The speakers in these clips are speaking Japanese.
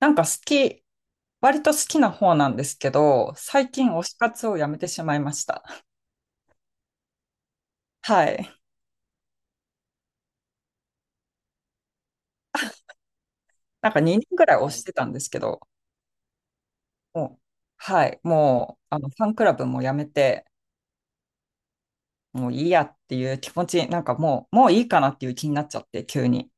なんか好き、割と好きな方なんですけど、最近推し活をやめてしまいました。はい。なんか2年ぐらい推してたんですけど、もう、はい。もう、ファンクラブもやめて、もういいやっていう気持ち、なんかもう、もういいかなっていう気になっちゃって、急に。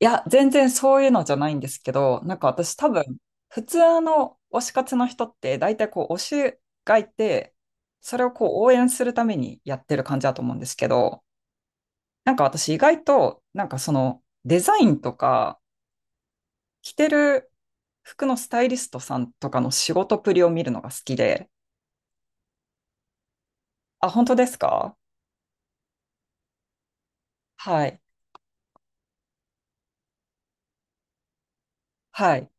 いや、全然そういうのじゃないんですけど、なんか私多分、普通の推し活の人って、大体こう、推しがいて、それをこう、応援するためにやってる感じだと思うんですけど、なんか私意外と、なんかそのデザインとか、着てる服のスタイリストさんとかの仕事ぶりを見るのが好きで。あ、本当ですか？はい。はい。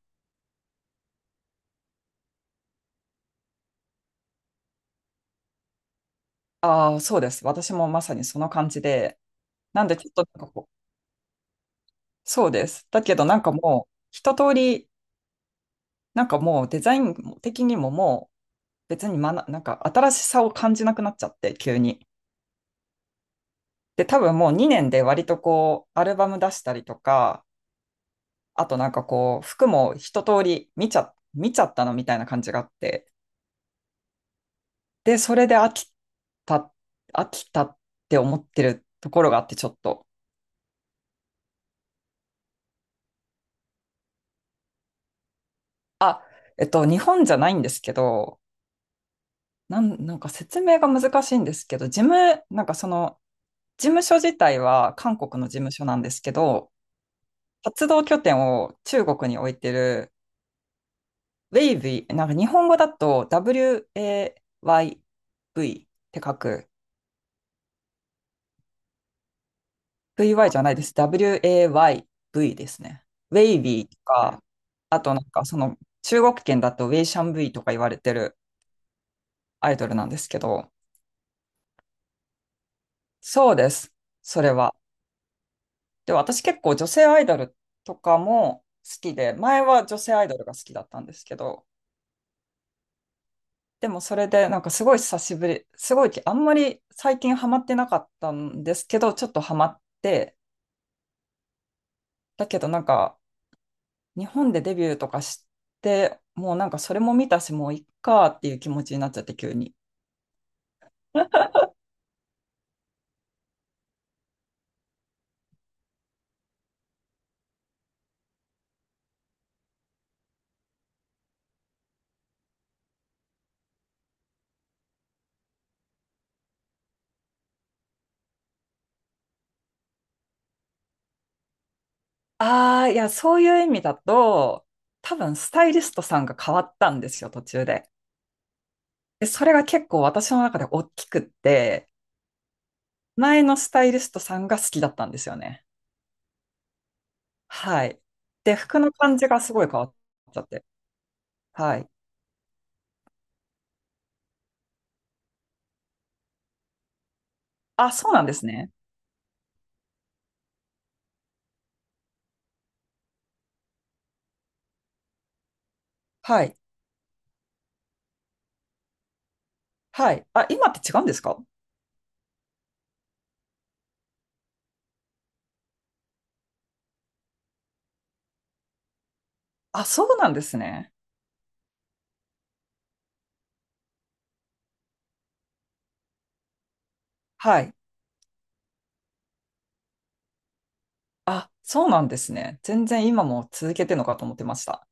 ああ、そうです。私もまさにその感じで。なんでちょっとなんかこう、そうです。だけどなんかもう、一通り、なんかもうデザイン的にももう、別になんか新しさを感じなくなっちゃって、急に。で、多分もう2年で割とこう、アルバム出したりとか、あとなんかこう、服も一通り見ちゃったのみたいな感じがあって、で、それでた、飽きたって思ってるところがあって、ちょっと。日本じゃないんですけど、なんか説明が難しいんですけど、なんかその、事務所自体は韓国の事務所なんですけど、活動拠点を中国に置いてる、ウェイビなんか日本語だと WAYV って書く。 VY じゃないです。WAYV ですね。ウェイビーとか、あとなんかその中国圏だとウェイシャンブイとか言われてるアイドルなんですけど、そうです。それは。で、私結構女性アイドルとかも好きで、前は女性アイドルが好きだったんですけど、でもそれでなんかすごいあんまり最近ハマってなかったんですけど、ちょっとハマって、だけどなんか日本でデビューとかして、もうなんかそれも見たし、もういっかっていう気持ちになっちゃって、急に。ああ、いや、そういう意味だと、多分スタイリストさんが変わったんですよ、途中で。で、それが結構私の中で大きくって、前のスタイリストさんが好きだったんですよね。はい。で、服の感じがすごい変わっちゃって。はい。あ、そうなんですね。はい。はい。あ、今って違うんですか？あ、そうなんですね。はい。あ、そうなんですね。全然今も続けてるのかと思ってました。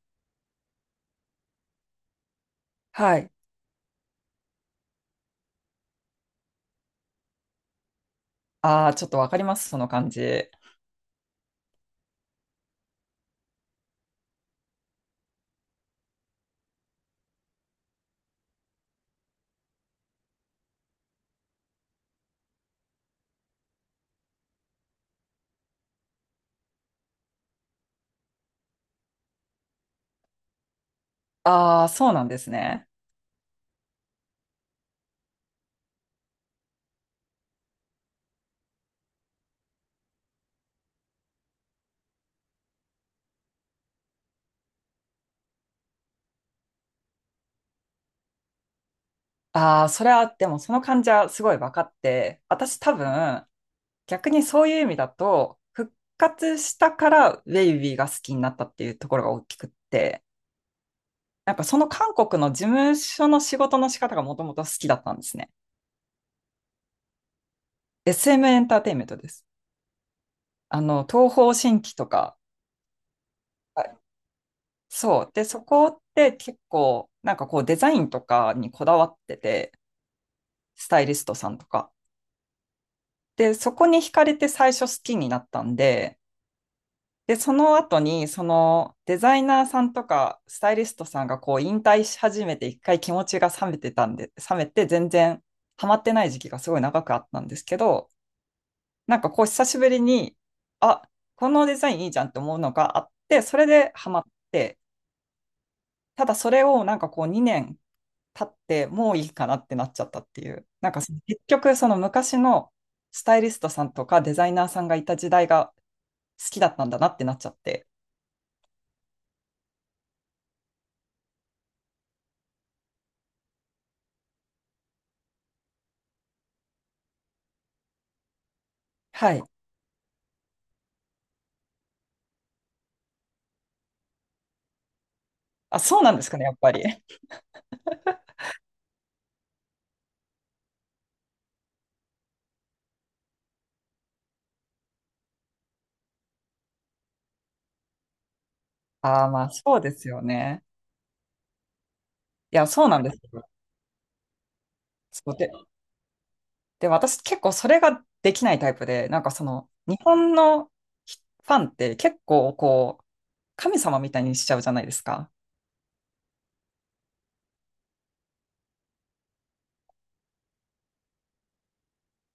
はい。ああ、ちょっとわかります、その感じ。ああ、そうなんですね。ああ、それは、でもその感じはすごいわかって、私多分、逆にそういう意味だと、復活したからウェイビーが好きになったっていうところが大きくって、なんかその韓国の事務所の仕事の仕方がもともと好きだったんですね。SM エムエンターテインメントです。東方神起とか、そう。で、そこって結構、なんかこうデザインとかにこだわってて、スタイリストさんとか。で、そこに惹かれて最初好きになったんで、で、その後に、そのデザイナーさんとか、スタイリストさんがこう引退し始めて、一回気持ちが冷めてたんで、冷めて全然ハマってない時期がすごい長くあったんですけど、なんかこう久しぶりに、あ、このデザインいいじゃんって思うのがあって、それでハマって、ただそれをなんかこう2年経ってもういいかなってなっちゃったっていう。なんか結局その昔のスタイリストさんとかデザイナーさんがいた時代が好きだったんだなってなっちゃって。はい。あ、そうなんですかね、やっぱり。ああ、まあそうですよね。いや、そうなんですよ。そうで、私結構それができないタイプで、なんかその日本のファンって結構こう神様みたいにしちゃうじゃないですか。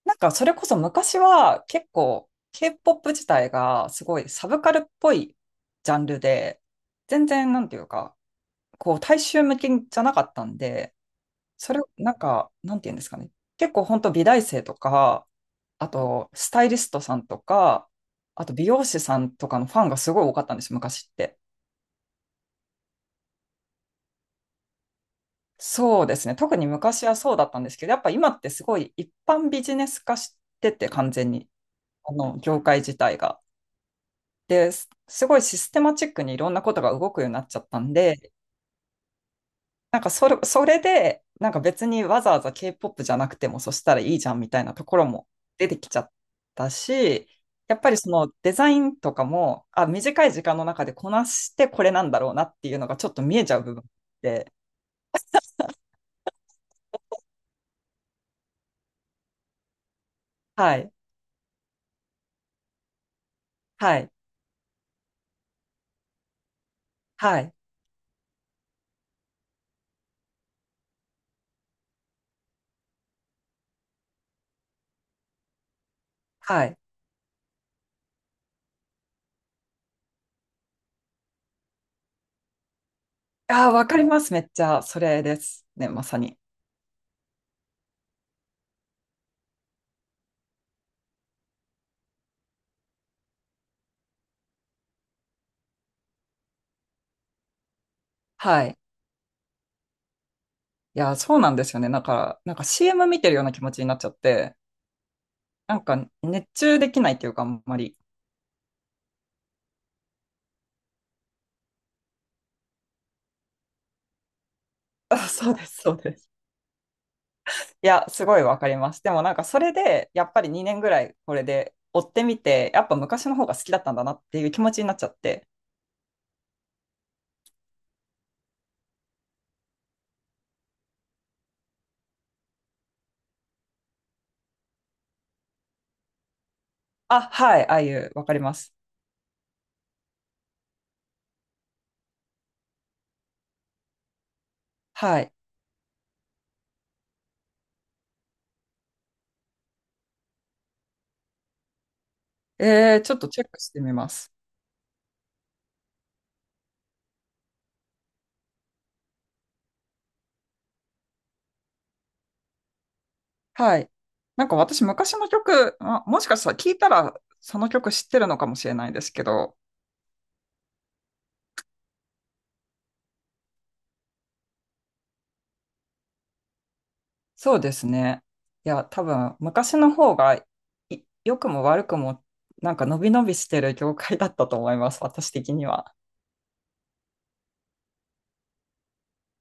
なんかそれこそ昔は結構 K-POP 自体がすごいサブカルっぽいジャンルで、全然なんていうか、こう大衆向けじゃなかったんで、それをなんか、なんていうんですかね。結構本当美大生とか、あとスタイリストさんとか、あと美容師さんとかのファンがすごい多かったんですよ、昔って。そうですね。特に昔はそうだったんですけど、やっぱ今ってすごい一般ビジネス化してて、完全に。業界自体が。で、すごいシステマチックにいろんなことが動くようになっちゃったんで、なんかそれで、なんか別にわざわざ K-POP じゃなくてもそしたらいいじゃんみたいなところも出てきちゃったし、やっぱりそのデザインとかも、あ、短い時間の中でこなしてこれなんだろうなっていうのがちょっと見えちゃう部分で、はい、はい、はい、はい。あー、わかります。めっちゃ、それですね、まさに。はい。いや、そうなんですよね。だから、なんか CM 見てるような気持ちになっちゃって、なんか熱中できないっていうか、あんまり。あ、そうです、そうです。いや、すごいわかります。でもなんかそれで、やっぱり2年ぐらいこれで追ってみて、やっぱ昔の方が好きだったんだなっていう気持ちになっちゃって。あ、はい、ああいう、わかります。はい。えー、ちょっとチェックしてみます。はい。なんか私昔の曲、あもしかしたら聞いたらその曲知ってるのかもしれないですけど、そうですね。いや、多分昔の方が良くも悪くもなんか伸び伸びしてる業界だったと思います、私的には。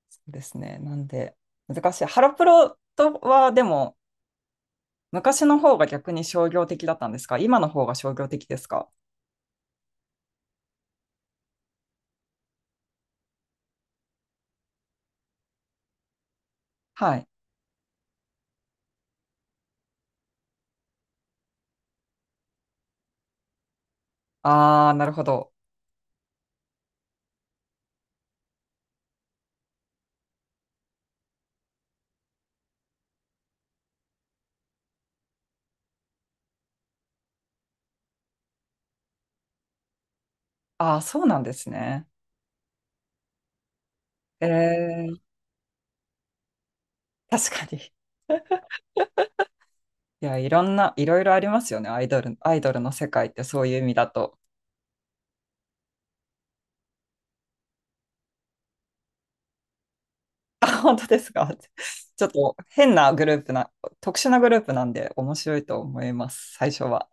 そうですね。なんで、難しい。ハロプロとはでも昔の方が逆に商業的だったんですか？今の方が商業的ですか？はい。ああ、なるほど。ああ、そうなんですね。えー、確かに。いや、いろいろありますよね。アイドルの世界ってそういう意味だと。あ、本当ですか？ちょっと変なグループな、特殊なグループなんで面白いと思います、最初は。